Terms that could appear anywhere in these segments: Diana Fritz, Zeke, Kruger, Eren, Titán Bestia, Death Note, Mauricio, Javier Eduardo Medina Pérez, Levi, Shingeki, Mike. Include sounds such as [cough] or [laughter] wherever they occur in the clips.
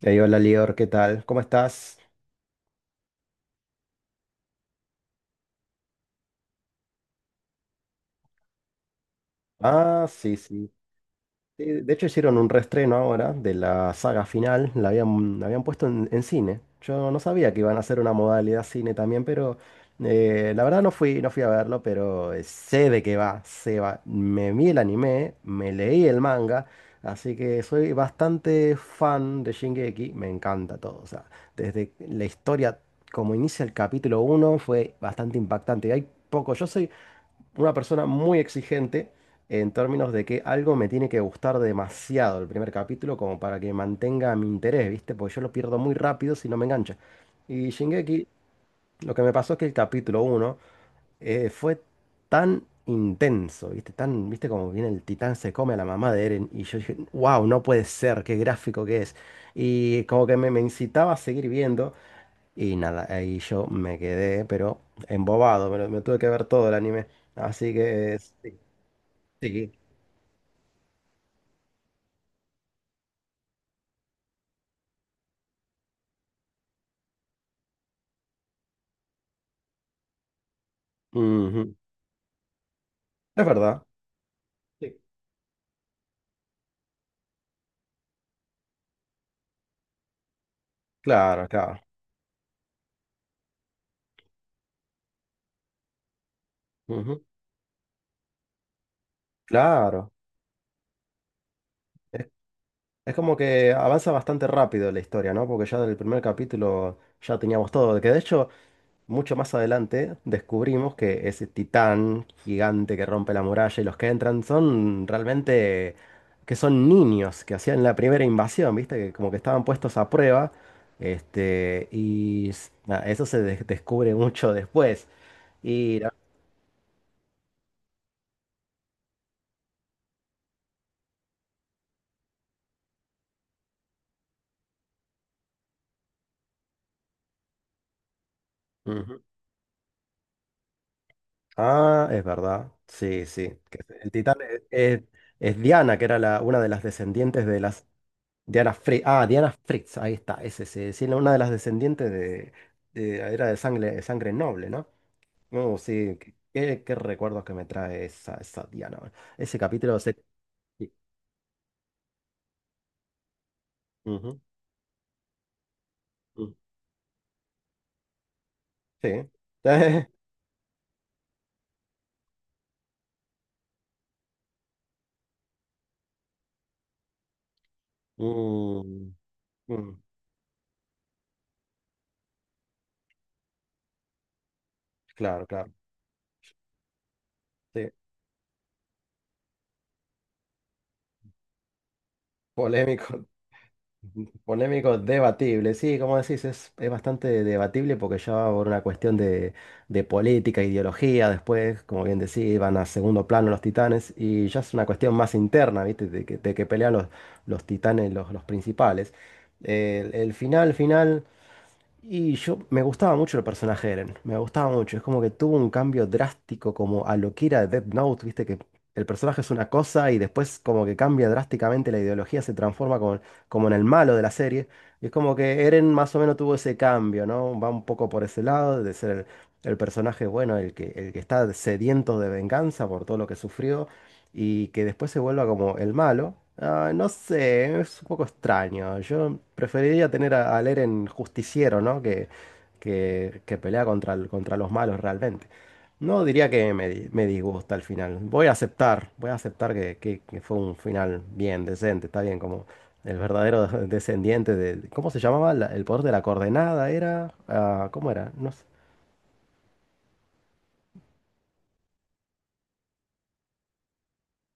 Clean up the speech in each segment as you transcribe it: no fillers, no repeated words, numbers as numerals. Ey, hola Lior, ¿qué tal? ¿Cómo estás? Ah, sí, sí. Sí, de hecho hicieron un reestreno ahora de la saga final, la habían puesto en cine. Yo no sabía que iban a hacer una modalidad cine también, pero la verdad no fui a verlo, pero sé de qué va, sé va. Me vi el anime, me leí el manga, así que soy bastante fan de Shingeki, me encanta todo. O sea, desde la historia, como inicia el capítulo 1 fue bastante impactante. Hay poco, yo soy una persona muy exigente en términos de que algo me tiene que gustar demasiado el primer capítulo como para que mantenga mi interés, ¿viste? Porque yo lo pierdo muy rápido si no me engancha. Y Shingeki, lo que me pasó es que el capítulo 1 fue tan intenso, ¿viste? Tan, ¿viste como viene el titán se come a la mamá de Eren? Y yo dije, wow, no puede ser, qué gráfico que es. Y como que me incitaba a seguir viendo. Y nada, ahí yo me quedé, pero embobado, me tuve que ver todo el anime. Así que sí, sí. Ujú. Es verdad. Sí. Claro, claro. Ujú. Claro. Es, es como que avanza bastante rápido la historia, ¿no? Porque ya del primer capítulo ya teníamos todo. Que de hecho, mucho más adelante descubrimos que ese titán gigante que rompe la muralla y los que entran son realmente que son niños que hacían la primera invasión, ¿viste? Que como que estaban puestos a prueba. Este, y nada, eso se descubre mucho después. Y la- Ujú. Ah, es verdad. Sí, sí. Que el titán es Diana, que era una de las descendientes de las Diana Fritz. Ah, Diana Fritz, ahí está, ese sí, sí, no, una de las descendientes era de sangre noble, ¿no? No, sí, qué, qué recuerdos que me trae esa, Diana. Bueno, ese capítulo se. Sí. Ujú, mm, sí. [laughs] Mm, mm, claro, claro. Sí. Polémico. Polémico, debatible, sí, como decís, es bastante debatible porque ya va por una cuestión de política, ideología, después, como bien decís, van a segundo plano los titanes y ya es una cuestión más interna, ¿viste? De que pelean los titanes, los principales. El final, final. Y yo me gustaba mucho el personaje de Eren, me gustaba mucho. Es como que tuvo un cambio drástico como a lo que era Death Note, viste que el personaje es una cosa y después como que cambia drásticamente la ideología, se transforma como en el malo de la serie. Y es como que Eren más o menos tuvo ese cambio, ¿no? Va un poco por ese lado de ser el personaje bueno, el que está sediento de venganza por todo lo que sufrió y que después se vuelva como el malo, ah, no sé, es un poco extraño. Yo preferiría tener a Eren justiciero, ¿no? Que pelea contra los malos realmente. No diría que me disgusta al final. Voy a aceptar que, que fue un final bien, decente, está bien, como el verdadero [laughs] descendiente de. ¿Cómo se llamaba? El poder de la coordenada era, ah, ¿cómo era? No sé.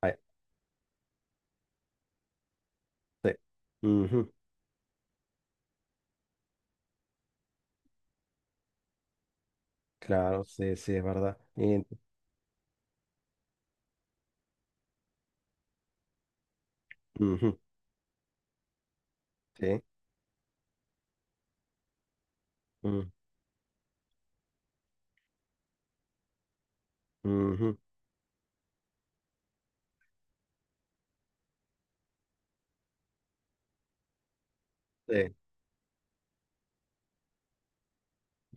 Ay, sí. Ujú. Claro, sí, sí, es verdad. Ujú, sí. Ujú, sí,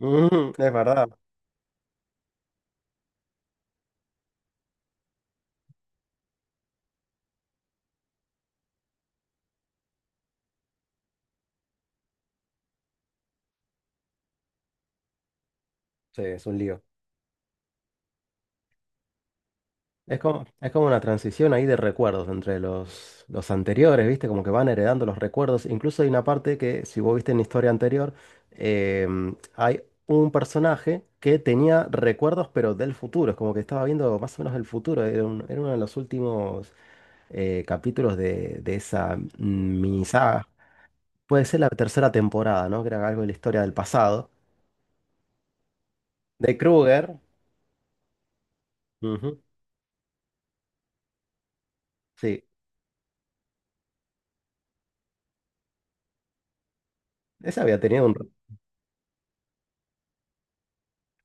ujú, es verdad. Sí, es un lío. Es como una transición ahí de recuerdos entre los anteriores, ¿viste? Como que van heredando los recuerdos. Incluso hay una parte que, si vos viste en la historia anterior, hay un personaje que tenía recuerdos, pero del futuro. Es como que estaba viendo más o menos el futuro. Era uno de los últimos capítulos de esa mini saga. Puede ser la tercera temporada, ¿no? Que era algo de la historia del pasado. De Kruger. Ujú. Sí. Esa había tenido un.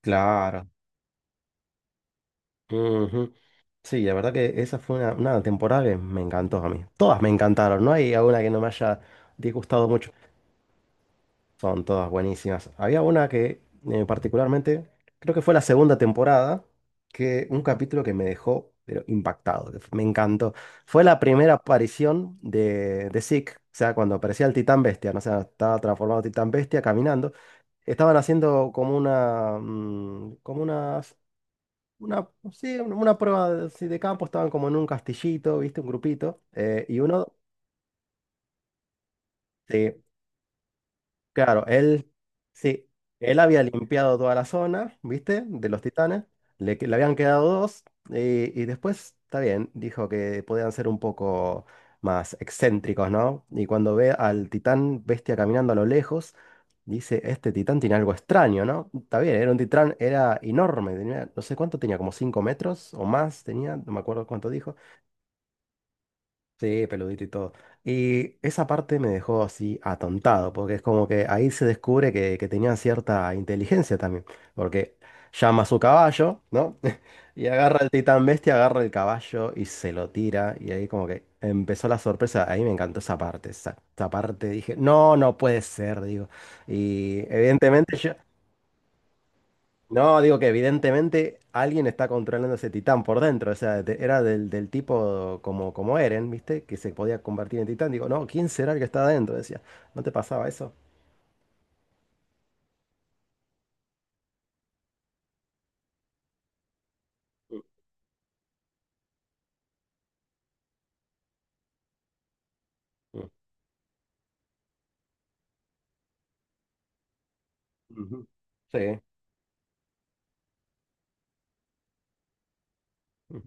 Claro. Ujú. Sí, la verdad que esa fue una temporada que me encantó a mí. Todas me encantaron, no hay alguna que no me haya disgustado mucho. Son todas buenísimas. Había una que particularmente, creo que fue la segunda temporada, que un capítulo que me dejó pero impactado, que me encantó. Fue la primera aparición de Zeke, o sea, cuando aparecía el Titán Bestia, ¿no? O sea, estaba transformado en Titán Bestia caminando. Estaban haciendo como una, sí, una prueba de, sí, de campo, estaban como en un castillito, ¿viste? Un grupito. Y uno, sí, claro, él, sí, él había limpiado toda la zona, ¿viste? De los titanes. Le le habían quedado dos. Y, y después, está bien, dijo que podían ser un poco más excéntricos, ¿no? Y cuando ve al titán bestia caminando a lo lejos, dice, este titán tiene algo extraño, ¿no? Está bien, era un titán, era enorme, tenía, no sé cuánto tenía, como 5 metros o más, tenía, no me acuerdo cuánto dijo. Sí, peludito y todo. Y esa parte me dejó así atontado, porque es como que ahí se descubre que tenía cierta inteligencia también, porque llama a su caballo, ¿no? [laughs] Y agarra el titán bestia, agarra el caballo y se lo tira, y ahí como que empezó la sorpresa, ahí me encantó esa parte, esa parte dije, no, no puede ser, digo. Y evidentemente yo, no, digo que evidentemente alguien está controlando ese titán por dentro. O sea, era del tipo como Eren, ¿viste? Que se podía convertir en titán. Digo, no, ¿quién será el que está adentro? Decía, ¿no te pasaba eso? Mm, mm, ujú. Sí, ujú,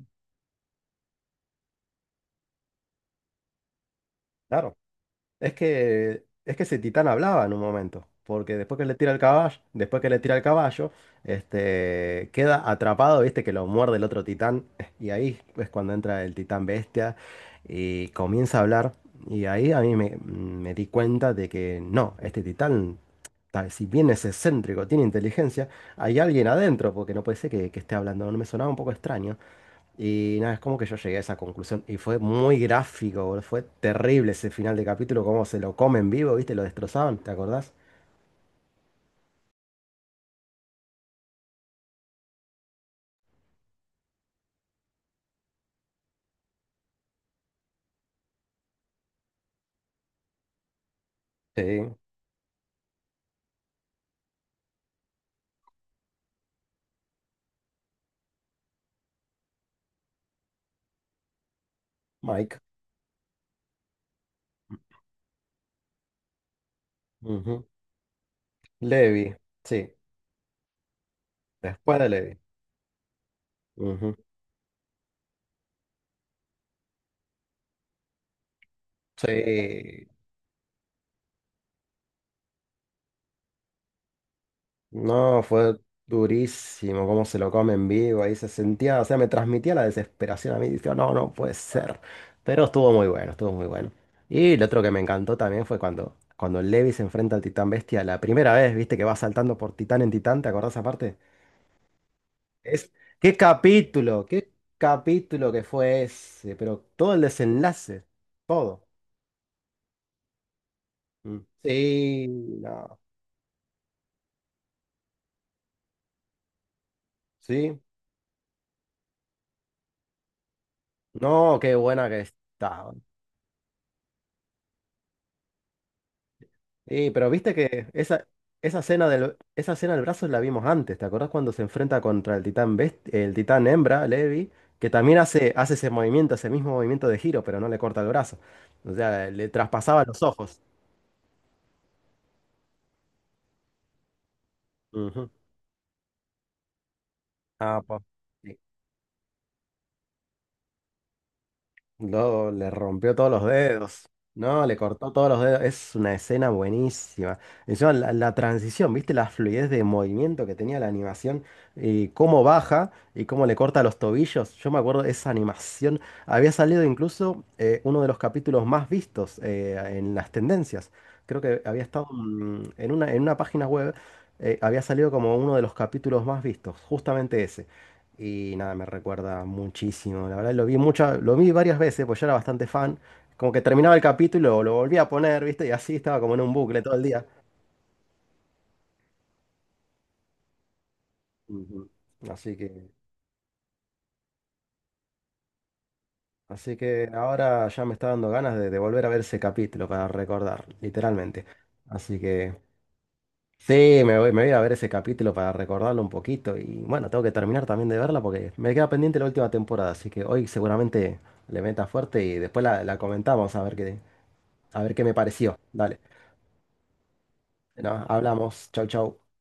claro. Es que ese titán hablaba en un momento, porque después que le tira el caballo, después que le tira el caballo, este, queda atrapado, viste que lo muerde el otro titán, y ahí es cuando entra el titán bestia y comienza a hablar, y ahí a mí me di cuenta de que no, este titán, si bien es excéntrico, tiene inteligencia, hay alguien adentro, porque no puede ser que esté hablando, no me sonaba un poco extraño. Y nada, es como que yo llegué a esa conclusión. Y fue muy gráfico, boludo. Fue terrible ese final de capítulo, cómo se lo comen vivo, ¿viste? Lo destrozaban, ¿te acordás? Sí, Mike. Ujú. Levi, sí. Después de Levi. Ujú. Sí. No, fue durísimo cómo se lo come en vivo, ahí se sentía, o sea, me transmitía la desesperación a mí, decía, no, no puede ser. Pero estuvo muy bueno, estuvo muy bueno. Y lo otro que me encantó también fue cuando Levi se enfrenta al Titán Bestia la primera vez, viste que va saltando por Titán en Titán, ¿te acordás aparte? Es, Qué capítulo, qué capítulo que fue ese, pero todo el desenlace, todo. Mm. Sí, no, sí, no, qué buena que está. Sí, pero viste que esa escena del brazo la vimos antes. ¿Te acordás cuando se enfrenta contra el titán el titán hembra, Levi? Que también hace ese movimiento, ese mismo movimiento de giro, pero no le corta el brazo. O sea, le traspasaba los ojos. Ujú. Ah, po. Luego le rompió todos los dedos. No, le cortó todos los dedos. Es una escena buenísima. Encima, la transición, ¿viste? La fluidez de movimiento que tenía la animación. Y cómo baja y cómo le corta los tobillos. Yo me acuerdo de esa animación. Había salido incluso uno de los capítulos más vistos en las tendencias. Creo que había estado en una página web. Había salido como uno de los capítulos más vistos. Justamente ese. Y nada, me recuerda muchísimo. La verdad, lo vi muchas, lo vi varias veces, pues yo era bastante fan. Como que terminaba el capítulo, y lo volvía a poner, ¿viste? Y así estaba como en un bucle todo el día. Ujú. Así que, así que ahora ya me está dando ganas de volver a ver ese capítulo para recordar, literalmente. Así que sí, me voy a ver ese capítulo para recordarlo un poquito. Y bueno, tengo que terminar también de verla porque me queda pendiente la última temporada. Así que hoy seguramente le meta fuerte y después la comentamos a ver qué me pareció. Dale. No, hablamos. Chau, chau.